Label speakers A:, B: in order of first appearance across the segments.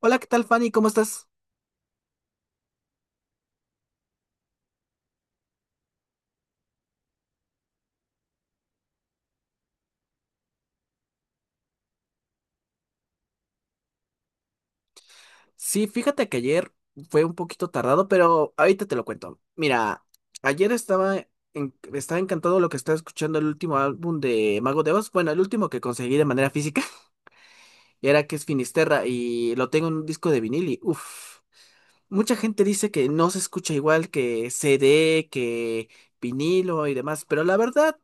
A: Hola, ¿qué tal, Fanny? ¿Cómo estás? Sí, fíjate que ayer fue un poquito tardado, pero ahorita te lo cuento. Mira, ayer estaba, estaba encantado lo que estaba escuchando el último álbum de Mago de Oz. Bueno, el último que conseguí de manera física, y era que es Finisterra, y lo tengo en un disco de vinil y uff. Mucha gente dice que no se escucha igual que CD, que vinilo y demás, pero la verdad,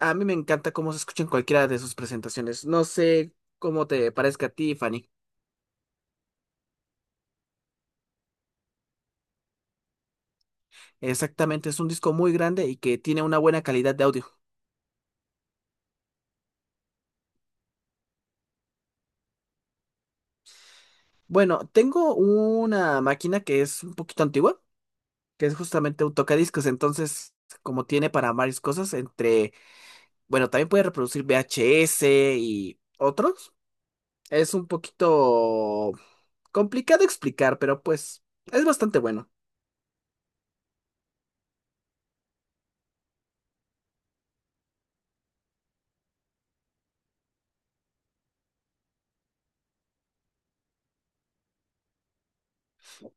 A: a mí me encanta cómo se escucha en cualquiera de sus presentaciones. No sé cómo te parezca a ti, Fanny. Exactamente, es un disco muy grande y que tiene una buena calidad de audio. Bueno, tengo una máquina que es un poquito antigua, que es justamente un tocadiscos, entonces como tiene para varias cosas, entre, bueno, también puede reproducir VHS y otros. Es un poquito complicado explicar, pero pues es bastante bueno.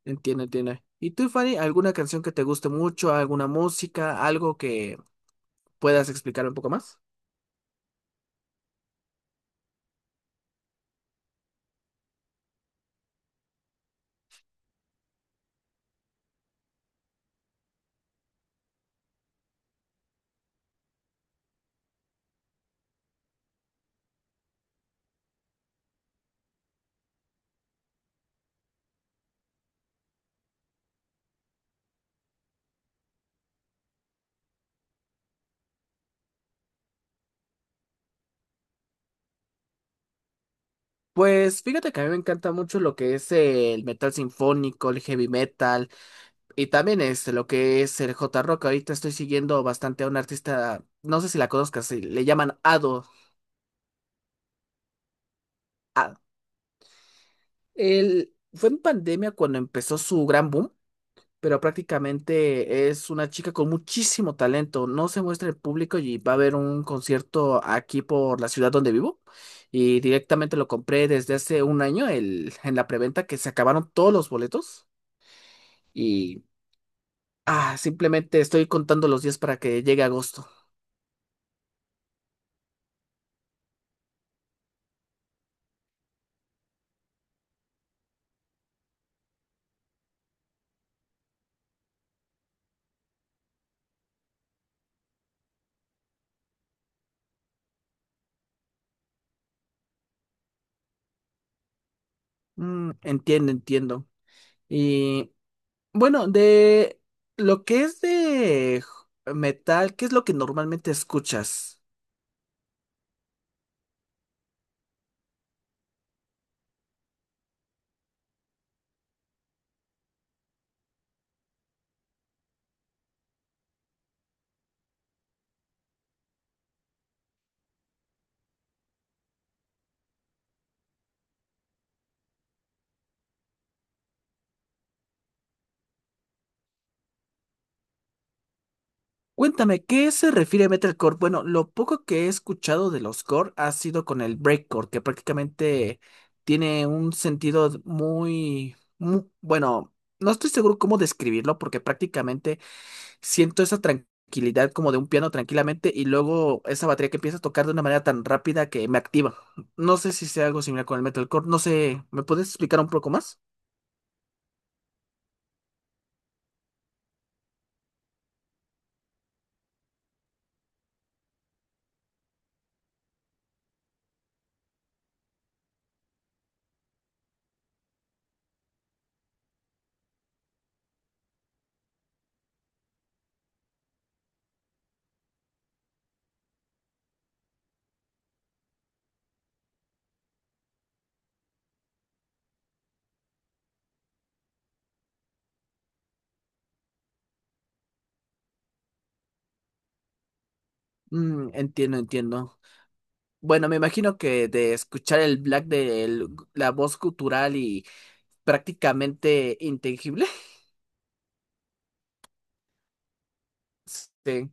A: Entiende, entiende. ¿Y tú, Fanny, alguna canción que te guste mucho, alguna música, algo que puedas explicar un poco más? Pues fíjate que a mí me encanta mucho lo que es el metal sinfónico, el heavy metal y también este, lo que es el J-Rock. Ahorita estoy siguiendo bastante a una artista, no sé si la conozcas, sí, le llaman Ado. Él fue en pandemia cuando empezó su gran boom, pero prácticamente es una chica con muchísimo talento. No se muestra el público y va a haber un concierto aquí por la ciudad donde vivo. Y directamente lo compré desde hace un año el, en la preventa que se acabaron todos los boletos. Y ah, simplemente estoy contando los días para que llegue agosto. Mm, entiendo, entiendo. Y bueno, de lo que es de metal, ¿qué es lo que normalmente escuchas? Cuéntame, ¿qué se refiere a metalcore? Bueno, lo poco que he escuchado de los core ha sido con el breakcore, que prácticamente tiene un sentido bueno, no estoy seguro cómo describirlo, porque prácticamente siento esa tranquilidad como de un piano tranquilamente y luego esa batería que empieza a tocar de una manera tan rápida que me activa. No sé si sea algo similar con el metalcore, no sé, ¿me puedes explicar un poco más? Mm, entiendo, entiendo. Bueno, me imagino que de escuchar el black de la voz cultural y prácticamente intangible, sí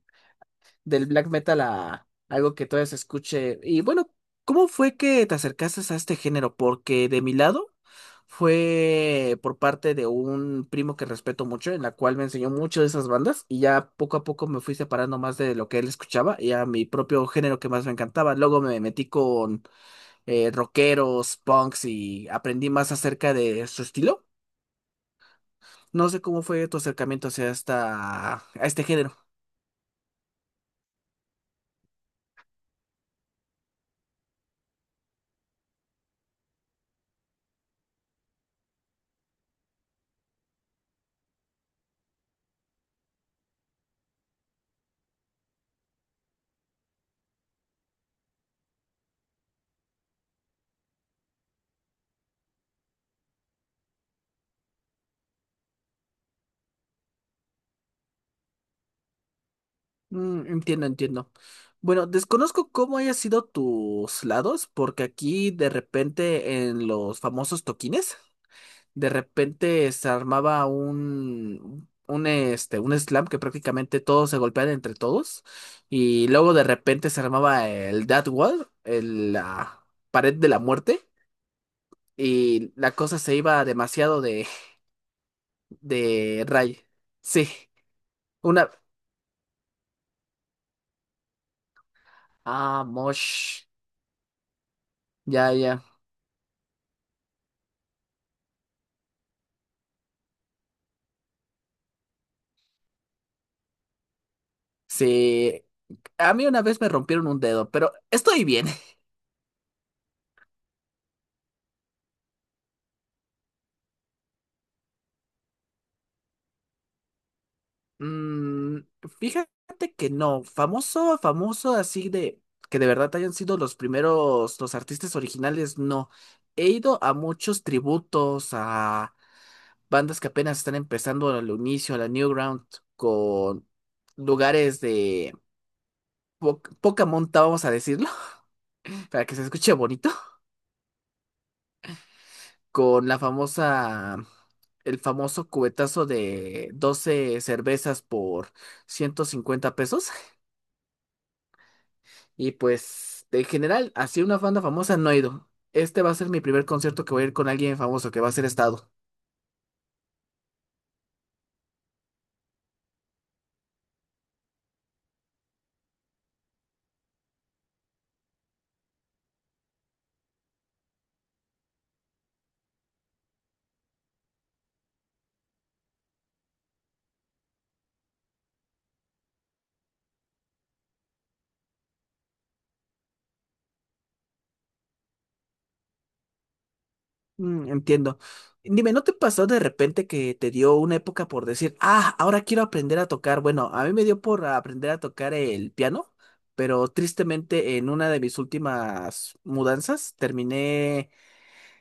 A: del black metal a algo que todavía se escuche. Y bueno, ¿cómo fue que te acercaste a este género? Porque de mi lado fue por parte de un primo que respeto mucho, en la cual me enseñó mucho de esas bandas y ya poco a poco me fui separando más de lo que él escuchaba y a mi propio género que más me encantaba. Luego me metí con rockeros, punks y aprendí más acerca de su estilo. No sé cómo fue tu acercamiento hacia a este género. Mm, entiendo, entiendo. Bueno, desconozco cómo hayan sido tus lados, porque aquí de repente en los famosos toquines, de repente se armaba un slam que prácticamente todos se golpeaban entre todos, y luego de repente se armaba el Death Wall, la pared de la muerte, y la cosa se iba demasiado de ray. Sí, una... Ah, mosh. Ya, ya. Sí, a mí una vez me rompieron un dedo, pero estoy bien. Mm, fíjate que no, famoso, famoso así de que de verdad hayan sido los primeros, los artistas originales, no. He ido a muchos tributos, a bandas que apenas están empezando al inicio, a la Newground, con lugares de poca monta, vamos a decirlo, para que se escuche bonito. Con la famosa, el famoso cubetazo de 12 cervezas por 150 pesos. Y pues, en general, así una banda famosa no he ido. Este va a ser mi primer concierto que voy a ir con alguien famoso, que va a ser Estado. Mm, entiendo. Dime, ¿no te pasó de repente que te dio una época por decir, ah, ahora quiero aprender a tocar? Bueno, a mí me dio por aprender a tocar el piano, pero tristemente en una de mis últimas mudanzas terminé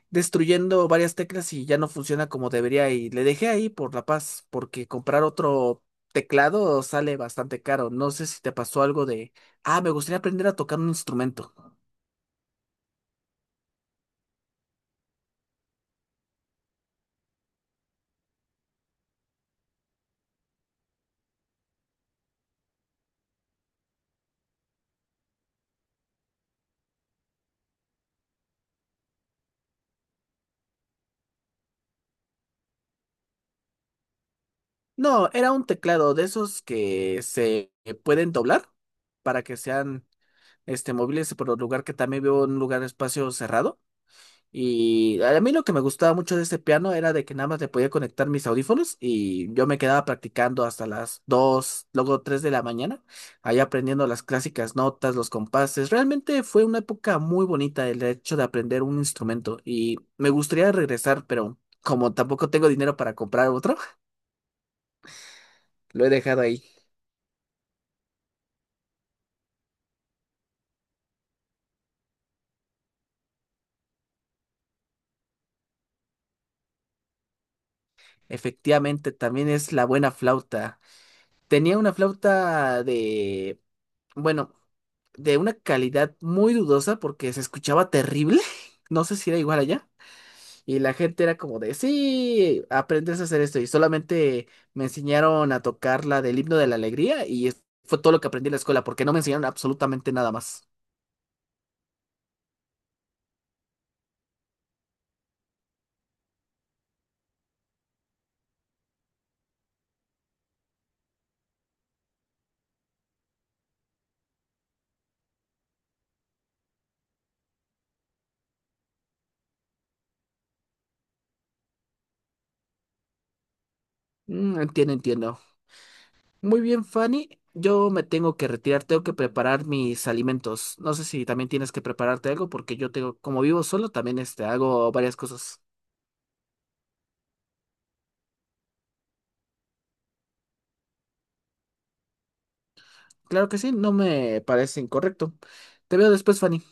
A: destruyendo varias teclas y ya no funciona como debería y le dejé ahí por la paz, porque comprar otro teclado sale bastante caro. No sé si te pasó algo de, ah, me gustaría aprender a tocar un instrumento. No, era un teclado de esos que se pueden doblar para que sean este móviles, por el lugar que también veo un lugar espacio cerrado. Y a mí lo que me gustaba mucho de este piano era de que nada más le podía conectar mis audífonos y yo me quedaba practicando hasta las 2 luego 3 de la mañana, ahí aprendiendo las clásicas notas, los compases. Realmente fue una época muy bonita el hecho de aprender un instrumento y me gustaría regresar, pero como tampoco tengo dinero para comprar otro, lo he dejado ahí. Efectivamente, también es la buena flauta. Tenía una flauta de bueno, de una calidad muy dudosa porque se escuchaba terrible. No sé si era igual allá. Y la gente era como de, sí, aprendes a hacer esto. Y solamente me enseñaron a tocar la del himno de la alegría y fue todo lo que aprendí en la escuela porque no me enseñaron absolutamente nada más. Mm, entiendo, entiendo. Muy bien, Fanny. Yo me tengo que retirar, tengo que preparar mis alimentos. No sé si también tienes que prepararte algo porque yo tengo, como vivo solo, también este, hago varias cosas. Claro que sí, no me parece incorrecto. Te veo después, Fanny.